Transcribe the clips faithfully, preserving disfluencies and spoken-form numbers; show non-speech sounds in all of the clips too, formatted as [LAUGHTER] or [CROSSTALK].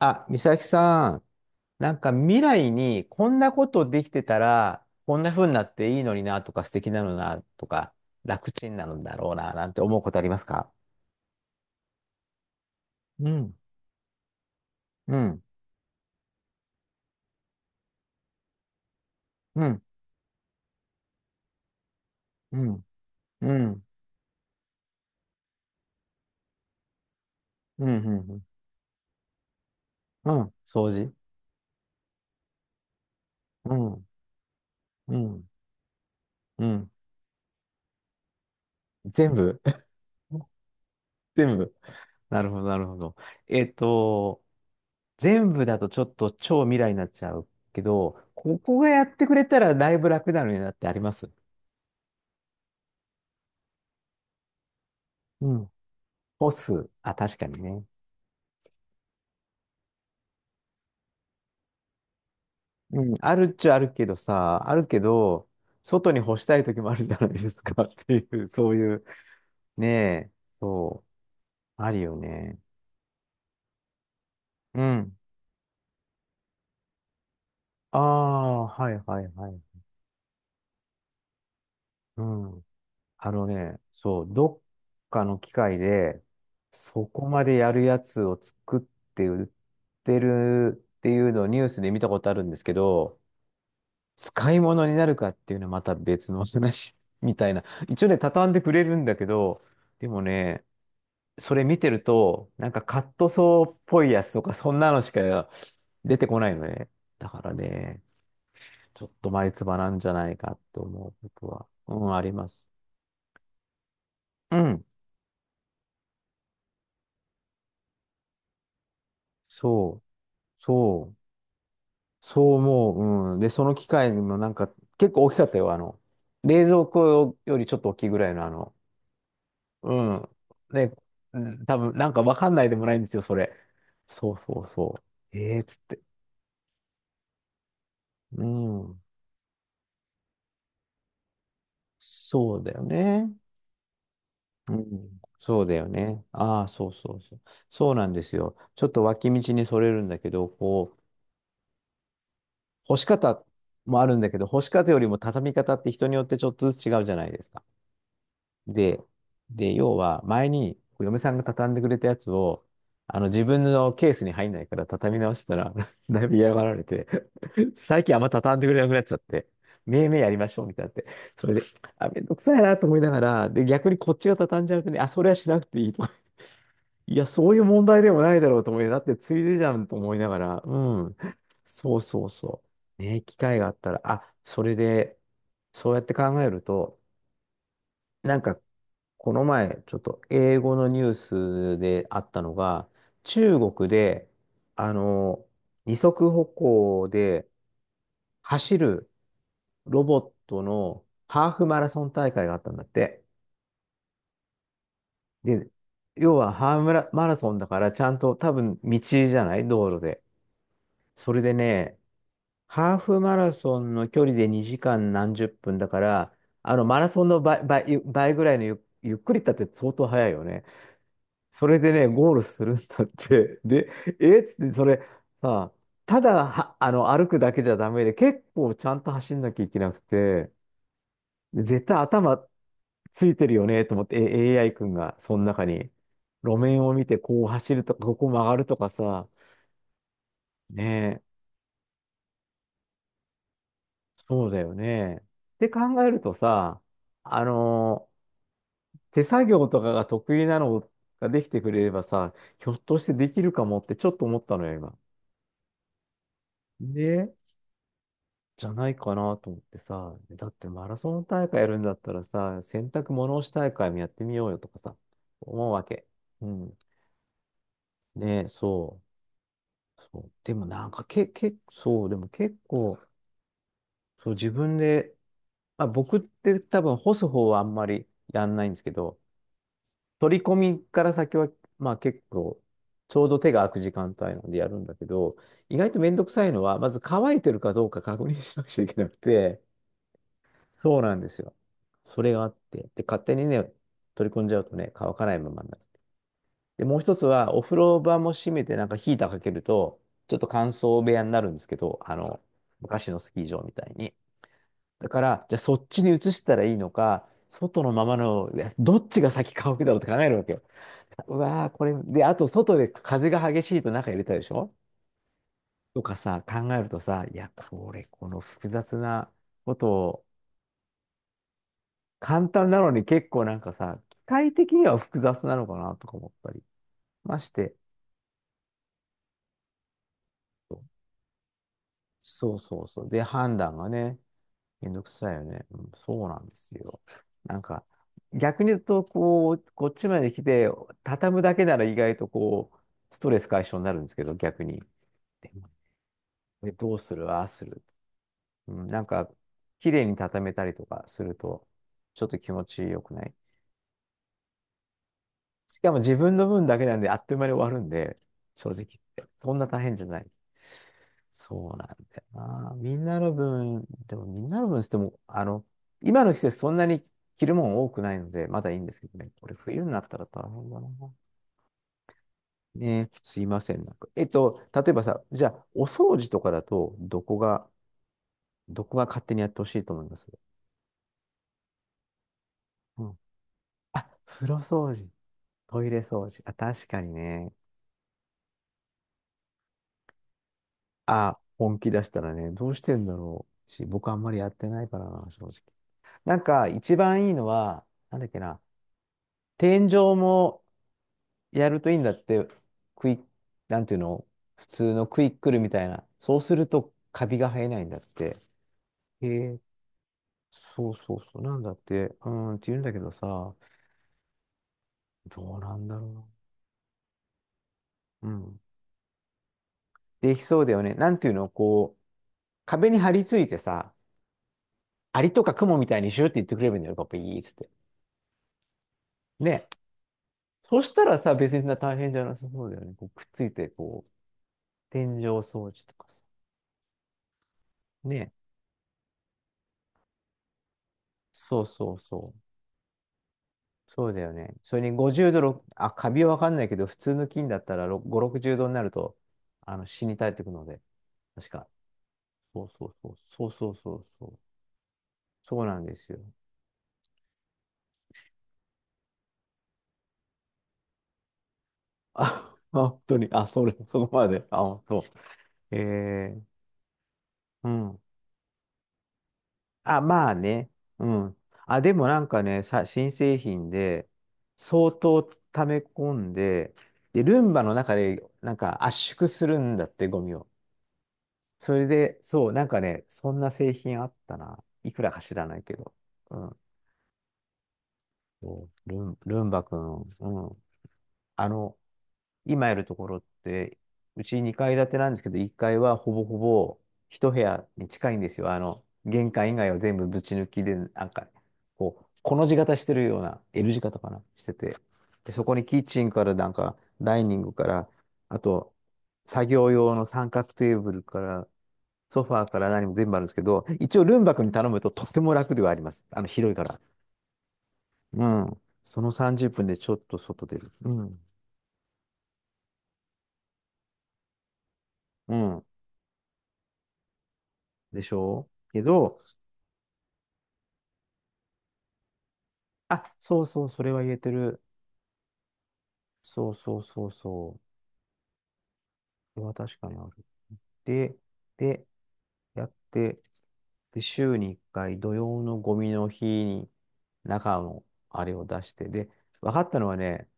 あ、美咲さん、なんか未来にこんなことできてたら、こんな風になっていいのになとか素敵なのになとか、楽ちんなのだろうななんて思うことありますか？うん、うん、うん、うん、うん、うん、うん、うん、うん、掃除、うん、うん、うん、全部。 [LAUGHS] 全部。なるほど、なるほど。えっと、全部だとちょっと超未来になっちゃうけど、ここがやってくれたらだいぶ楽なのになってあります？うん、干す。あ、確かにね。うん、あるっちゃあるけどさ、あるけど、外に干したい時もあるじゃないですか。 [LAUGHS] っていう、そういう、ねえ、そう、あるよね。うん。ああ、はいはいはい。うん。あのね、そう、どっかの機械で、そこまでやるやつを作って売ってるっていうのをニュースで見たことあるんですけど、使い物になるかっていうのはまた別の話 [LAUGHS] みたいな。一応ね、畳んでくれるんだけど、でもね、それ見てると、なんかカットソーっぽいやつとか、そんなのしか出てこないのね。だからね、ちょっと前唾なんじゃないかって思うことは、うん、あります。うん、そう、そう、そう思う。うん。で、その機械もなんか、結構大きかったよ。あの、冷蔵庫よりちょっと大きいぐらいのあの、うん。ね、うん、多分なんかわかんないでもないんですよ、それ。そうそうそう。ええー、つって。うん。そうだよね。うん。そうだよね。ああ、そうそうそう。そうなんですよ。ちょっと脇道にそれるんだけど、こう、干し方もあるんだけど、干し方よりも畳み方って人によってちょっとずつ違うじゃないですか。で、で、要は前に嫁さんが畳んでくれたやつを、あの自分のケースに入んないから畳み直したら [LAUGHS] だいぶ嫌がられて、 [LAUGHS] 最近あんま畳んでくれなくなっちゃって、めいめいやりましょうみたいになって、それで、あ、めんどくさいなと思いながら、で、逆にこっちが畳んじゃうとね、あ、それはしなくていいとか、いや、そういう問題でもないだろうと思い、だってついでじゃんと思いながら、うん、そうそうそう。ね、機会があったら、あ、それで、そうやって考えると、なんかこの前、ちょっと英語のニュースであったのが、中国で、あの、二足歩行で走るロボットのハーフマラソン大会があったんだって。で、要はハーフマラマラソンだからちゃんと多分道じゃない道路で。それでね、ハーフマラソンの距離でにじかん何十分だから、あのマラソンの倍、倍、倍ぐらいのゆ、ゆっくりだって相当速いよね。それでね、ゴールするんだって。で、えっつって、それ、さ、ただは、あの、歩くだけじゃダメで、結構ちゃんと走んなきゃいけなくて、で絶対頭ついてるよね、と思って、え エーアイ 君が、その中に、路面を見て、こう走るとか、ここ曲がるとかさ、ねえ、そうだよね。って考えるとさ、あの、手作業とかが得意なのができてくれればさ、ひょっとしてできるかもってちょっと思ったのよ、今。ねじゃないかなと思ってさ、だってマラソン大会やるんだったらさ、洗濯物干し大会もやってみようよとかさ、思うわけ。うん。ねえそう。そう。でもなんかけ、け、そう、でも結構、そう、自分で、まあ、僕って多分干す方はあんまりやんないんですけど、取り込みから先は、まあ結構、ちょうど手が空く時間帯なんでやるんだけど、意外とめんどくさいのは、まず乾いてるかどうか確認しなくちゃいけなくて、そうなんですよ。それがあって。で、勝手にね、取り込んじゃうとね、乾かないままになる。で、もう一つは、お風呂場も閉めて、なんかヒーターかけると、ちょっと乾燥部屋になるんですけど、あの、昔のスキー場みたいに。だから、じゃあそっちに移したらいいのか、外のままの、いやどっちが先乾くだろうって考えるわけよ。うわー、これ、で、あと外で風が激しいと中入れたでしょとかさ、考えるとさ、いや、これ、この複雑なことを、簡単なのに結構なんかさ、機械的には複雑なのかなとか思ったりまして。そうそうそう。で、判断がね、めんどくさいよね。うん、そうなんですよ。なんか、逆に言うと、こう、こっちまで来て、畳むだけなら意外とこう、ストレス解消になるんですけど、逆に。でも、これどうする、ああする。うん、なんか、綺麗に畳めたりとかすると、ちょっと気持ちよくない？しかも自分の分だけなんであっという間に終わるんで、正直言って。そんな大変じゃない。そうなんだよな。みんなの分、でもみんなの分しても、あの、今の季節そんなに着るもん多くないので、まだいいんですけどね。これ冬になったら大変だな。ねえ、すいません。なんか、えっと、例えばさ、じゃあ、お掃除とかだと、どこが、どこが勝手にやってほしいと思います？うん。あ、風呂掃除、トイレ掃除。あ、確かにね。あ、本気出したらね、どうしてんだろうし、僕あんまりやってないからな、正直。なんか、一番いいのは、なんだっけな、天井もやるといいんだって、クイッ、なんていうの、普通のクイックルみたいな。そうすると、カビが生えないんだって。へえ、そうそうそう、なんだって、うん、って言うんだけどさ、どうなんだろうな。うん。できそうだよね。なんていうの、こう、壁に張り付いてさ、アリとかクモみたいにシューって言ってくれればいいんだよ、パパ、いいっつって。ね。そしたらさ、別にそんな大変じゃなさそうだよね。こうくっついて、こう、天井掃除とかさ。ね。そうそうそう。そうだよね。それにごじゅうど、ろくあ、カビはわかんないけど、普通の菌だったらろご、ろくじゅうどになると、あの、死に絶えてくので、確か。そうそうそう。そうそうそうそう。そうなんですよ。あ、[LAUGHS] 本当に。あ、それ、そこまで。あ、本当。えー、うん。あ、まあね。うん。あ、でもなんかね、さ、新製品で、相当溜め込んで、で、ルンバの中で、なんか圧縮するんだって、ゴミを。それで、そう、なんかね、そんな製品あったな。いくらか知らないけど。うん。そうルン、ルンバくん、うん。あの、今やるところって、うちにかい建てなんですけど、いっかいはほぼほぼ一部屋に近いんですよ。あの、玄関以外は全部ぶち抜きで、なんか、こう、この字型してるような、L 字型かな、してて。で、そこにキッチンからなんか、ダイニングから、あと、作業用の三角テーブルから、ソファーから何も全部あるんですけど、一応ルンバ君に頼むととっても楽ではあります。あの、広いから。うん。そのさんじゅっぷんでちょっと外出る。うん。うん。でしょうけど、あ、そうそう、それは言えてる。そうそうそうそう。それは確かにある。で、で、やって、で、週にいっかい、土曜のゴミの日に中のあれを出して、で、分かったのはね、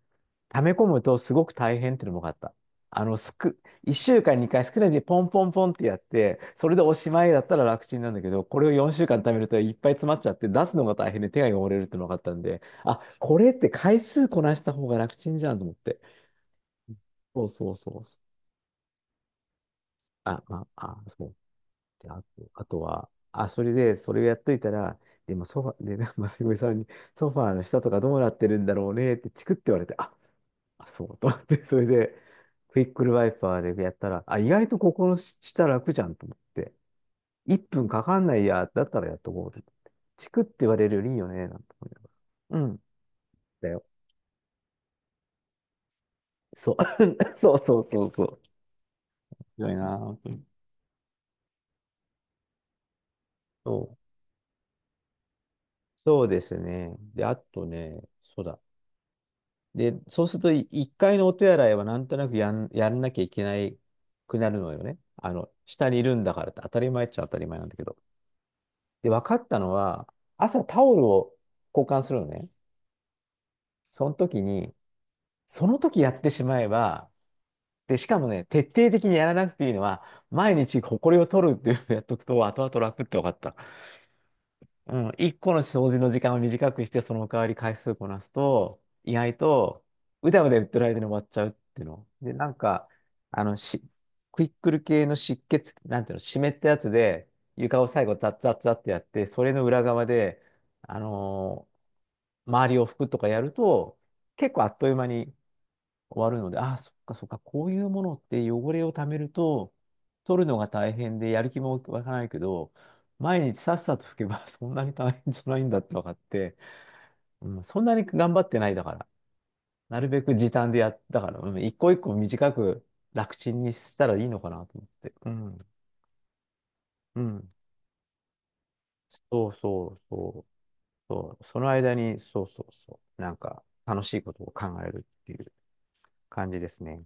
溜め込むとすごく大変っていうのも分かった。あの、すく、いっしゅうかんににかい少ないうにポンポンポンってやって、それでおしまいだったら楽ちんなんだけど、これをよんしゅうかん溜めるといっぱい詰まっちゃって、出すのが大変で手が汚れるっていうのが分かったんで、あ、これって回数こなした方が楽ちんじゃんと思って。そうそうそう。あ、まあ、あ、そう。で、あと、あとは、あ、それで、それをやっといたら、でもソファ、で、[LAUGHS] まさみさんに、ソファーの下とかどうなってるんだろうねってチクって言われて、あ、あ、そうと思って、それで、クイックルワイパーでやったら、あ、意外とここの下楽じゃんと思って、いっぷんかかんないや、だったらやっとこうと思って。チクって言われるよりいいよね、なんて思いながら。うん。だよ。そう。[LAUGHS] そうそうそうそう。強いな、本当に。そう。そうですね。で、あとね、そうだ。で、そうすると、い一回のお手洗いはなんとなくやん、やんなきゃいけないくなるのよね。あの、下にいるんだからって当たり前っちゃ当たり前なんだけど。で、分かったのは、朝タオルを交換するのね。その時に、その時やってしまえば、で、しかもね、徹底的にやらなくていいのは、毎日ホコリを取るっていうのをやっとくと、後々楽って分かった。うん、いっこの掃除の時間を短くして、その代わり回数こなすと、意外と、うだうだ言ってる間に終わっちゃうっていうの。で、なんか、あの、し、クイックル系の湿血、なんていうの、湿ったやつで、床を最後、ザッザッザッってやって、それの裏側で、あのー周りを拭くとかやると、結構あっという間に終わるので、ああ、そっかそっか、こういうものって汚れをためると、取るのが大変で、やる気も湧かないけど、毎日さっさと拭けば [LAUGHS] そんなに大変じゃないんだって分かって、うん、そんなに頑張ってないだから、なるべく時短でやったから、うん、一個一個短く楽ちんにしたらいいのかなと思って。うん、うん。そうそうそうそう。その間に、そうそうそう。なんか楽しいことを考えるっていう感じですね。